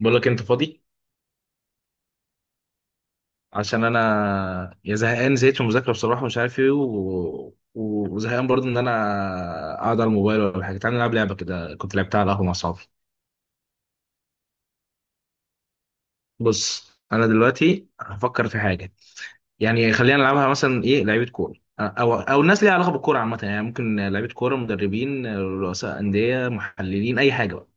بقول لك انت فاضي. عشان انا يا زهقان زهقت من المذاكره بصراحه، مش عارف ايه، وزهقان برضه ان انا اقعد على الموبايل ولا حاجه. تعالى نلعب لعبه كده كنت لعبتها على القهوه مع اصحابي. بص انا دلوقتي هفكر في حاجه، يعني خلينا نلعبها مثلا، ايه، لعيبه كوره، او الناس ليها علاقه بالكوره عامه، يعني ممكن لعيبه كوره، مدربين، رؤساء انديه، محللين، اي حاجه بقى.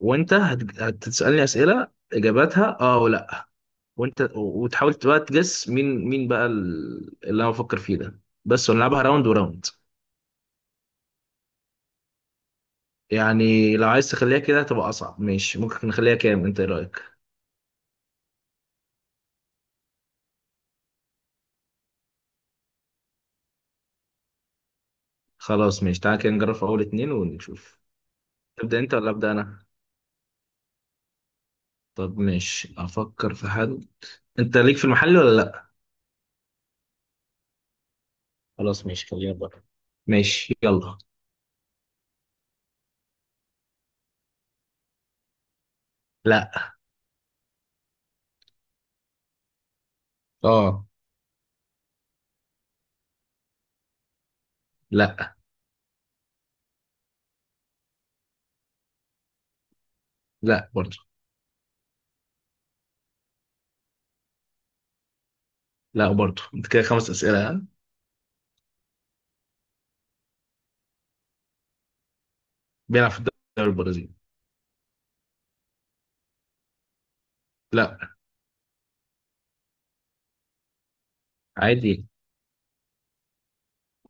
وانت هتسالني اسئله اجاباتها اه ولا؟ وانت وتحاول بقى تجس مين مين بقى اللي انا بفكر فيه ده، بس ونلعبها راوند وراوند. يعني لو عايز تخليها كده هتبقى اصعب، ماشي، ممكن نخليها كام؟ انت ايه رايك؟ خلاص ماشي، تعالى كده نجرب في اول اتنين ونشوف. تبدا انت ولا ابدا انا؟ طب ماشي افكر في حد. انت ليك في المحل ولا لا؟ خلاص ماشي خلينا بره. ماشي يلا. لا. اه. لا. لا برضه. لا برضه، انت كده خمس اسئله ها؟ بيلعب في الدوري البرازيلي. لا. عادي.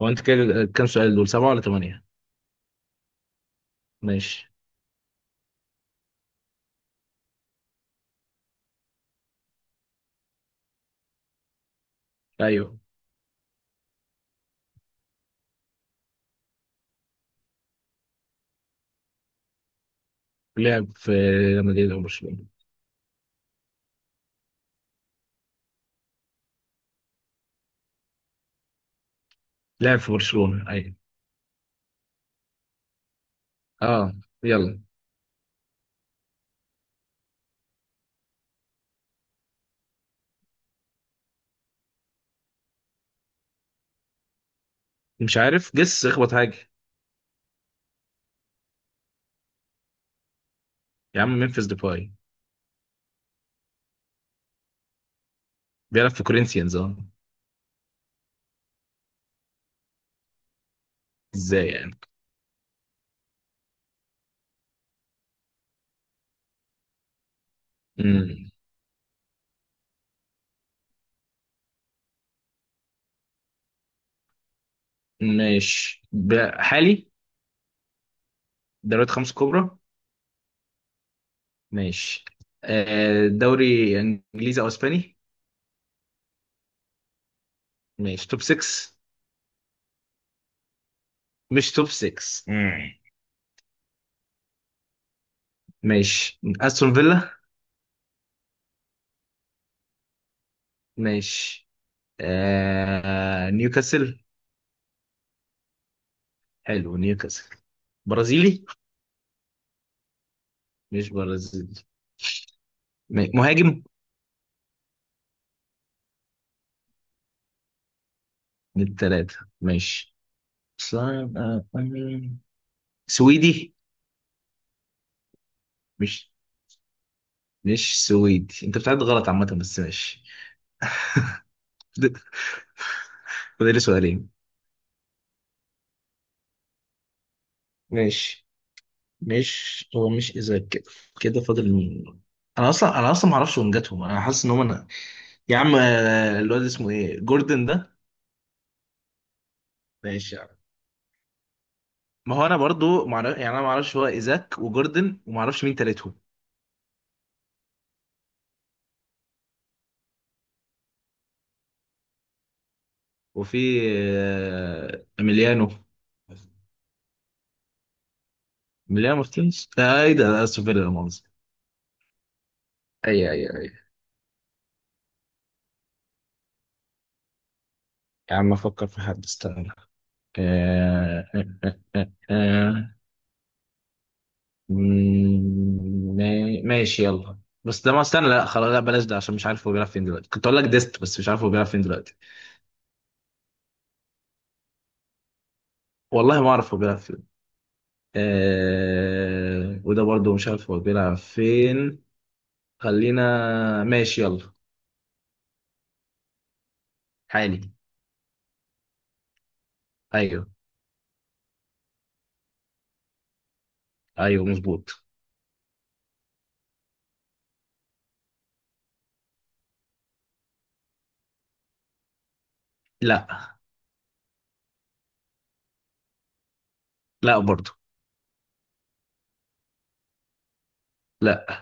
هو انت كده كام سؤال، دول سبعه ولا ثمانيه؟ ماشي. ايوه. لعب في ريال مدريد او برشلونه. لعب في برشلونه ايوه. اه. يلا. مش عارف، جس اخبط حاجه. يا عم ممفيس ديباي. بيلعب في كورinthians اه. ازاي يعني؟ امم ماشي. حالي. دوريات خمس كبرى. ماشي. آه دوري انجليزي او اسباني. ماشي. توب 6. مش توب 6. مم. ماشي. استون فيلا. ماشي. آه نيوكاسل. حلو نيوكاسل. برازيلي. مش برازيلي. مهاجم. من الثلاثة. ماشي. صعب أوي. سويدي. مش مش سويدي، انت بتعد غلط عامة، بس ماشي. فاضل فاضل لي سؤالين. ماشي. مش هو، مش اذا كده، كده فاضل مين؟ انا اصلا ما اعرفش وين جاتهم، انا حاسس ان هم انا. يا عم الواد اسمه ايه جوردن ده. ماشي يا عم. ما هو انا برضو ما اعرف، يعني انا ما اعرفش هو ايزاك وجوردن وما اعرفش مين تالتهم. وفي اميليانو. مليان مارتينيز ايه ده سوبر لا مؤاخذة. اي اي اي. يا عم افكر في حد استنى. آه آه. آه آه. ماشي يلا، بس ده ما استنى لا خلاص لا بلاش ده، عشان مش عارف هو بيلعب فين دلوقتي، كنت اقول لك ديست بس مش عارف هو بيلعب فين دلوقتي. والله ما اعرف هو بيلعب فين. وده برضو مش عارف هو بيلعب فين. خلينا. ماشي يلا حالي. ايوه. ايوه مظبوط. لا. لا برضو. لا.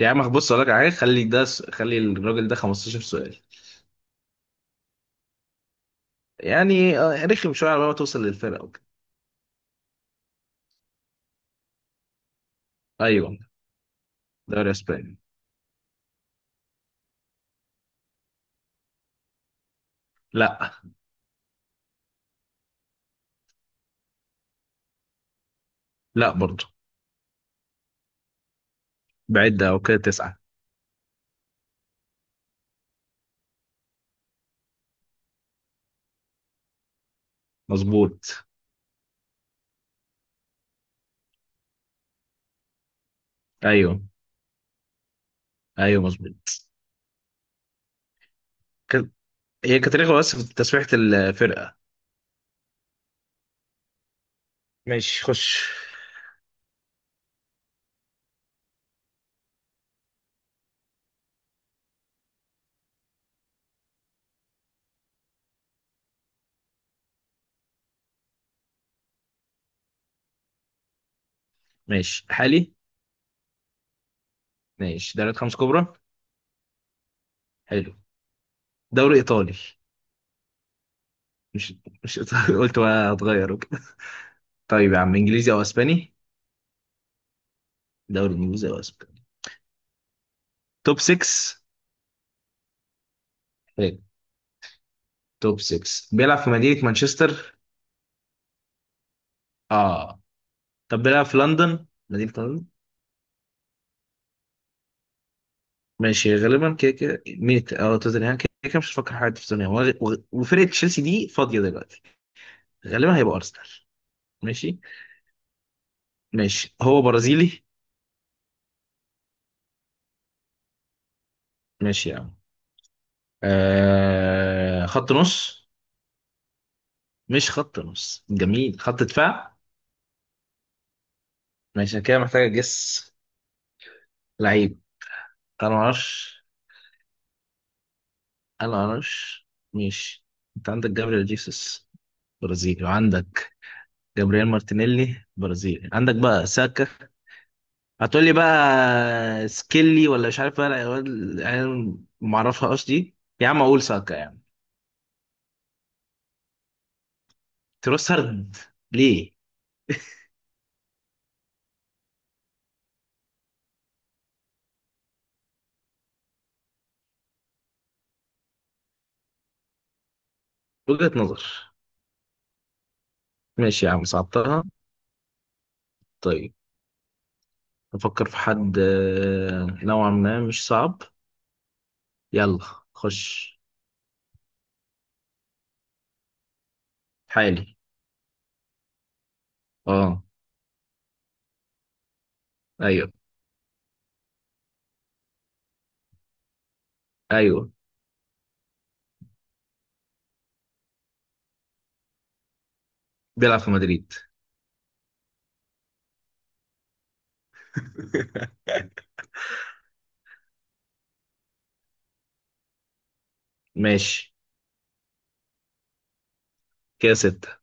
يا عم بص اقول لك على حاجه، خلي ده، خلي الراجل ده 15 سؤال، يعني رخم شويه على ما توصل للفرقه وكده. ايوه. دوري اسباني. لا. لا برضه. بعد او كده تسعه. مظبوط. ايوه. ايوه مظبوط. كان- هي كانت رخمه بس في تسويحه الفرقه. ماشي خش. ماشي حالي. ماشي دوري خمس كبرى. حلو. دوري ايطالي. مش مش ايطالي قلت بقى هتغير وكده. طيب يا عم انجليزي او اسباني. دوري انجليزي او اسباني. توب 6. توب 6. بيلعب في مدينة مانشستر. اه. طب بيلعب في لندن، مدينة لندن. ماشي، غالبا كده كده ميت، اه توتنهام، كده كده مش هتفكر حاجة في توتنهام، وفرقة تشيلسي دي فاضية دلوقتي. غالبا هيبقى أرسنال. ماشي. ماشي، هو برازيلي. ماشي يا عم. خط نص. مش خط نص جميل، خط دفاع. ماشي أنا كده محتاج أجس. لعيب. أنا معرفش. أنا معرفش. ماشي. أنت عندك جابريل جيسوس برازيلي، وعندك جابرييل مارتينيلي برازيلي، عندك بقى ساكا، هتقول لي بقى سكيلي ولا مش عارف بقى العيال. العيال ما اعرفهاش دي يا عم، اقول ساكا يعني. تروسارد. ليه؟ وجهة نظر. ماشي يا عم صعبتها. طيب افكر في حد نوعا ما مش صعب. يلا خش. حالي. اه. ايوه. ايوه بيلعب في مدريد ماشي. كده ستة.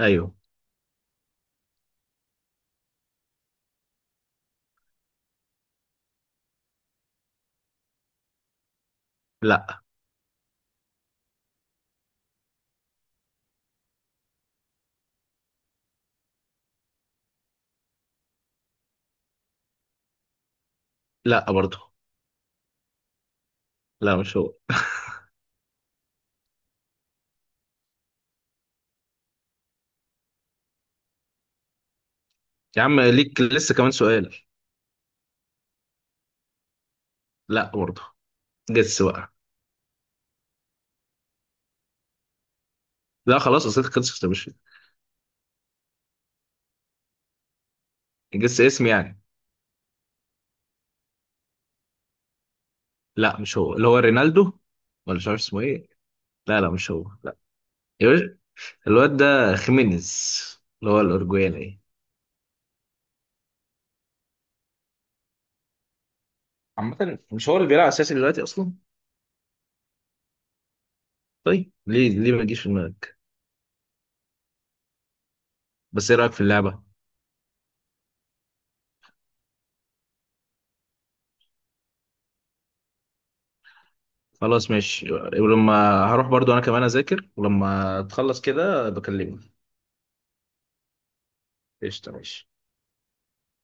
ايوه. لا. لا برضه. لا مش هو يا عم ليك لسه كمان سؤال. لا برضه. جس بقى. لا خلاص اصل خلصت يا باشا. جس اسم يعني. لا مش هو، اللي هو رينالدو ولا مش عارف اسمه ايه؟ لا لا مش هو لا. يا باشا الواد ده خيمينيز، اللي هو الاورجواني ايه. عامة مش هو اللي بيلعب اساسي دلوقتي اصلا. طيب ليه؟ ليه ما يجيش في دماغك؟ بس ايه رايك في اللعبة؟ خلاص ماشي ولما هروح برضو انا كمان اذاكر، ولما تخلص كده بكلمك. قشطة ماشي.